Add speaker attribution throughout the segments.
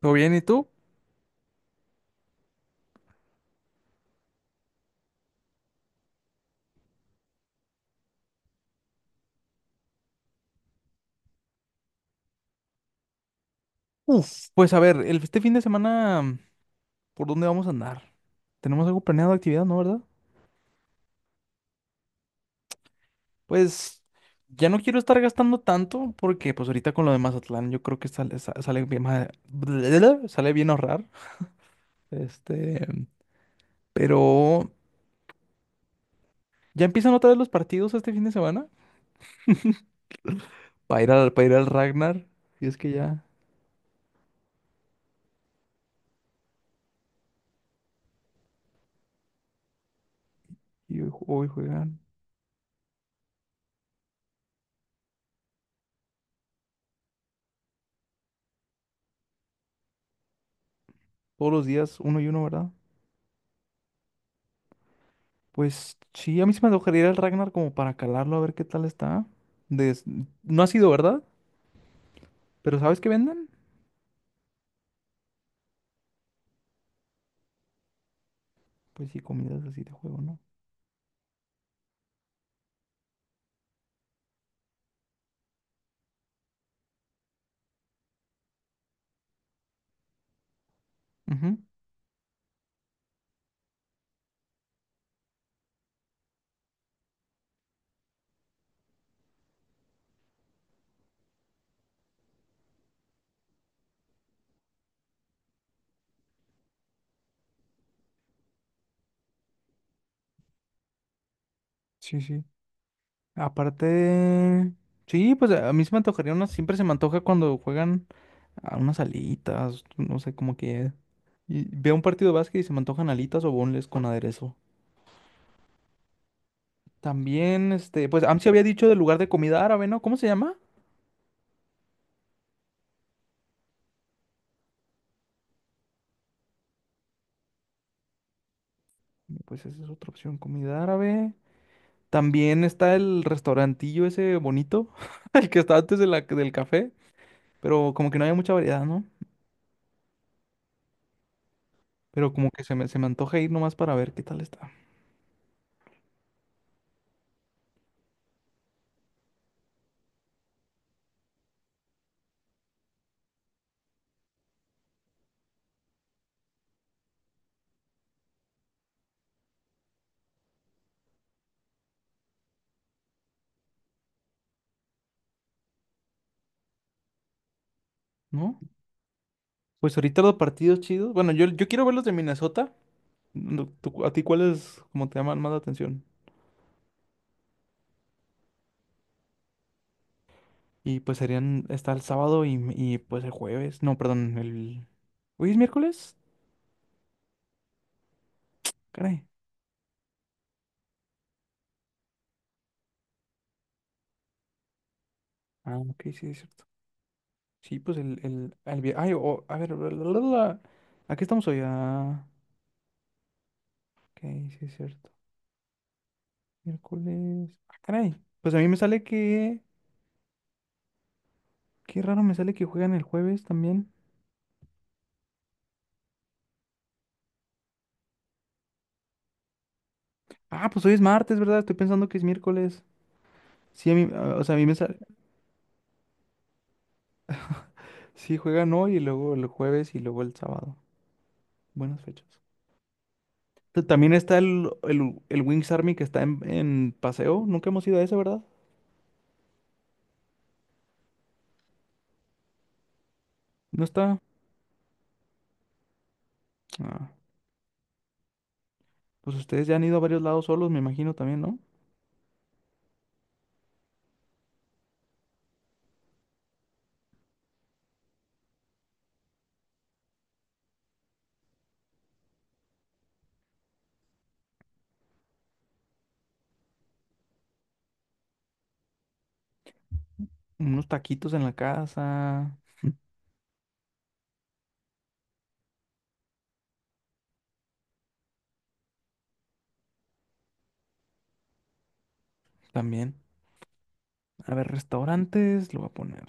Speaker 1: ¿Todo bien? ¿Y tú? Uf, pues a ver, este fin de semana, ¿por dónde vamos a andar? ¿Tenemos algo planeado de actividad, no, verdad? Pues ya no quiero estar gastando tanto porque pues ahorita con lo de Mazatlán yo creo que sale, sale bien, sale bien ahorrar. Este, pero ya empiezan otra vez los partidos este fin de semana para ir al Ragnar. Y es que ya, y hoy juegan todos los días uno y uno, ¿verdad? Pues sí, a mí se me antojaría ir al Ragnar como para calarlo a ver qué tal está. Des- No ha sido, ¿verdad? Pero ¿sabes qué venden? Pues sí, comidas así de juego, ¿no? Ujú. Sí, sí. Aparte, sí, pues a mí se me antojaría una, siempre se me antoja cuando juegan a unas alitas, no sé, como que y veo un partido de básquet y se me antojan alitas o boneless con aderezo. También, pues Amsi había dicho del lugar de comida árabe, ¿no? ¿Cómo se llama? Pues esa es otra opción, comida árabe. También está el restaurantillo ese bonito, el que está antes de del café, pero como que no hay mucha variedad, ¿no? Pero como que se me antoja ir nomás para ver qué tal está, ¿no? Pues ahorita los partidos chidos. Bueno, yo quiero ver los de Minnesota. No, ¿a ti cuáles como te llaman más la atención? Y pues serían, está el sábado y, pues el jueves. No, perdón, el... ¿Hoy es miércoles? Caray. Ah, ok, sí, es cierto. Sí, pues el... el ay, a ver, bla, bla, bla, bla. ¿A qué estamos hoy? Ah, ok, sí, es cierto. Miércoles. Ah, caray. Pues a mí me sale que. Qué raro me sale que juegan el jueves también. Ah, pues hoy es martes, ¿verdad? Estoy pensando que es miércoles. Sí, o sea, a mí me sale. Sí, juegan hoy y luego el jueves y luego el sábado. Buenas fechas. También está el Wings Army que está en paseo. Nunca hemos ido a ese, ¿verdad? No está. Ah, pues ustedes ya han ido a varios lados solos, me imagino también, ¿no? Unos taquitos en la casa. También. A ver, restaurantes, lo voy a poner.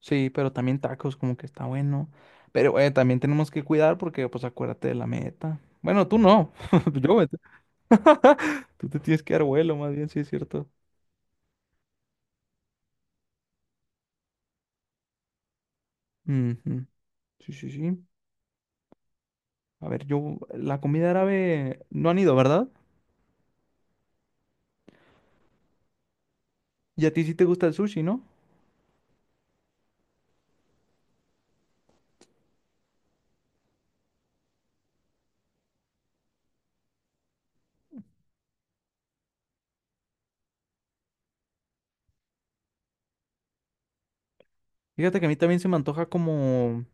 Speaker 1: Sí, pero también tacos, como que está bueno. Pero también tenemos que cuidar porque, pues, acuérdate de la meta. Bueno, tú no. Yo me... Tú te tienes que dar vuelo, más bien, sí es cierto. Ujú. Sí, sí, sí. A ver, yo, la comida árabe no han ido, ¿verdad? Y a ti sí te gusta el sushi, ¿no? Fíjate que a mí también se me antoja como...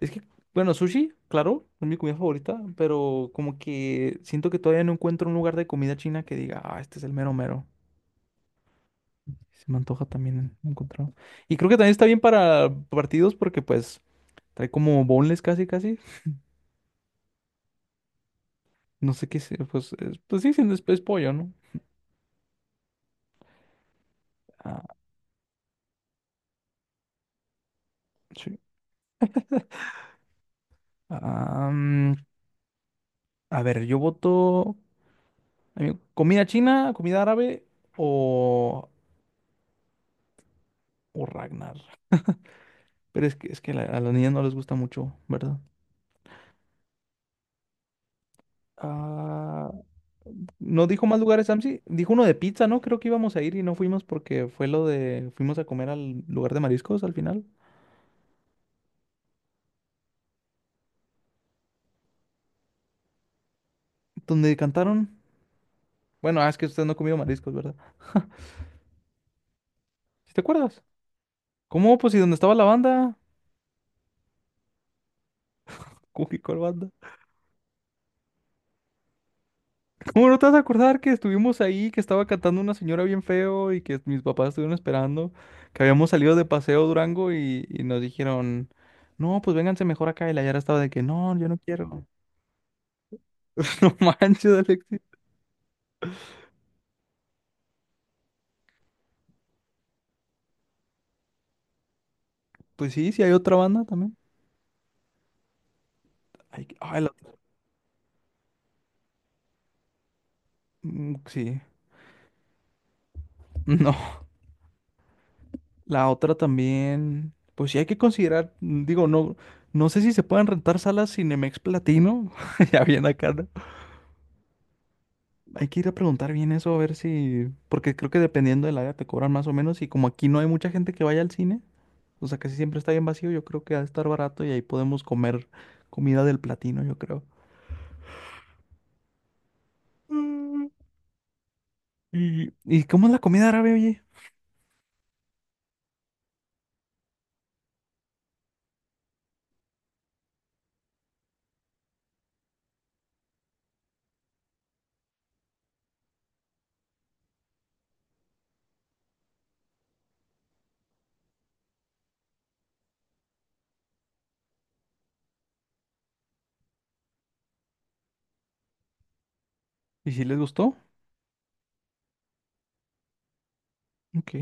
Speaker 1: Es que, bueno, sushi, claro, es mi comida favorita, pero como que siento que todavía no encuentro un lugar de comida china que diga, ah, este es el mero mero. Se me antoja también encontrarlo. Y creo que también está bien para partidos porque pues trae como boneless casi casi. No sé qué sea, pues, pues sí, es pollo, ¿no? Ah, sí. Ah, a ver, yo voto a mí, comida china, comida árabe o, o Ragnar. Pero es que a las niñas no les gusta mucho, ¿verdad? Ah, no dijo más lugares, Samsi. Dijo uno de pizza, ¿no? Creo que íbamos a ir y no fuimos porque fue lo de... Fuimos a comer al lugar de mariscos al final. Donde cantaron. Bueno, ah, es que usted no ha comido mariscos, ¿verdad? ¿Sí te acuerdas? ¿Cómo? Pues, ¿y dónde estaba la banda? Uy, ¿cuál banda? ¿Cómo no te vas a acordar que estuvimos ahí, que estaba cantando una señora bien feo y que mis papás estuvieron esperando, que habíamos salido de paseo a Durango y nos dijeron, no, pues vénganse mejor acá y la Yara estaba de que, no, yo no quiero. No manches, Alexis. Pues sí, sí hay otra banda también. Ay, mm, sí. No. La otra también, pues sí hay que considerar, digo, no sé si se pueden rentar salas Cinemex Platino, ya bien acá, ¿no? Hay que ir a preguntar bien eso, a ver si, porque creo que dependiendo del área te cobran más o menos, y como aquí no hay mucha gente que vaya al cine, o sea, casi siempre está bien vacío, yo creo que va a estar barato y ahí podemos comer comida del Platino, yo creo. Mm. ¿Y cómo es la comida árabe, oye? ¿Y si les gustó? Ok.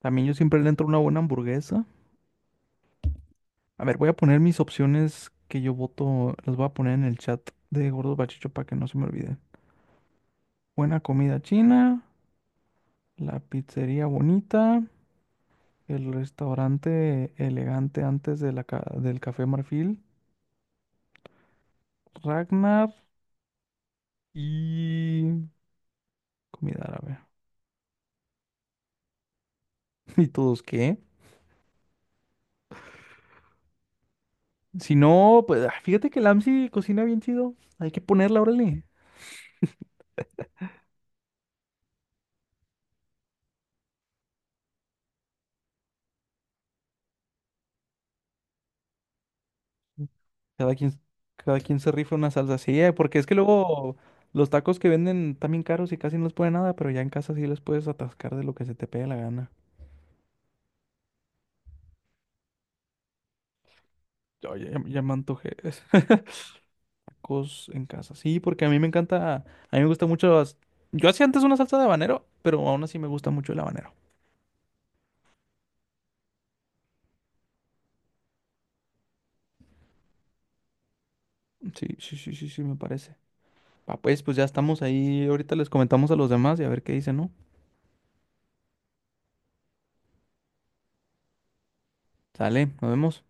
Speaker 1: También yo siempre le entro una buena hamburguesa. A ver, voy a poner mis opciones que yo voto, las voy a poner en el chat de Gordos Bachicho para que no se me olvide. Buena comida china, la pizzería bonita, el restaurante elegante antes de la del Café Marfil, Ragnar y comida árabe. ¿Y todos qué? Si no, pues ah, fíjate que el AMSI cocina bien chido. Hay que ponerla, órale. Cada quien, cada quien se rifa una salsa. Sí, porque es que luego los tacos que venden están bien caros y casi no les pone nada, pero ya en casa sí les puedes atascar de lo que se te pegue la gana. Oye, ya me antojé. Tacos en casa. Sí, porque a mí me encanta, a mí me gusta mucho las... Yo hacía antes una salsa de habanero, pero aún así me gusta mucho el habanero. Sí, sí, sí, sí, sí, me parece. Ah, pues, pues ya estamos ahí. Ahorita les comentamos a los demás y a ver qué dicen, ¿no? Sale, nos vemos.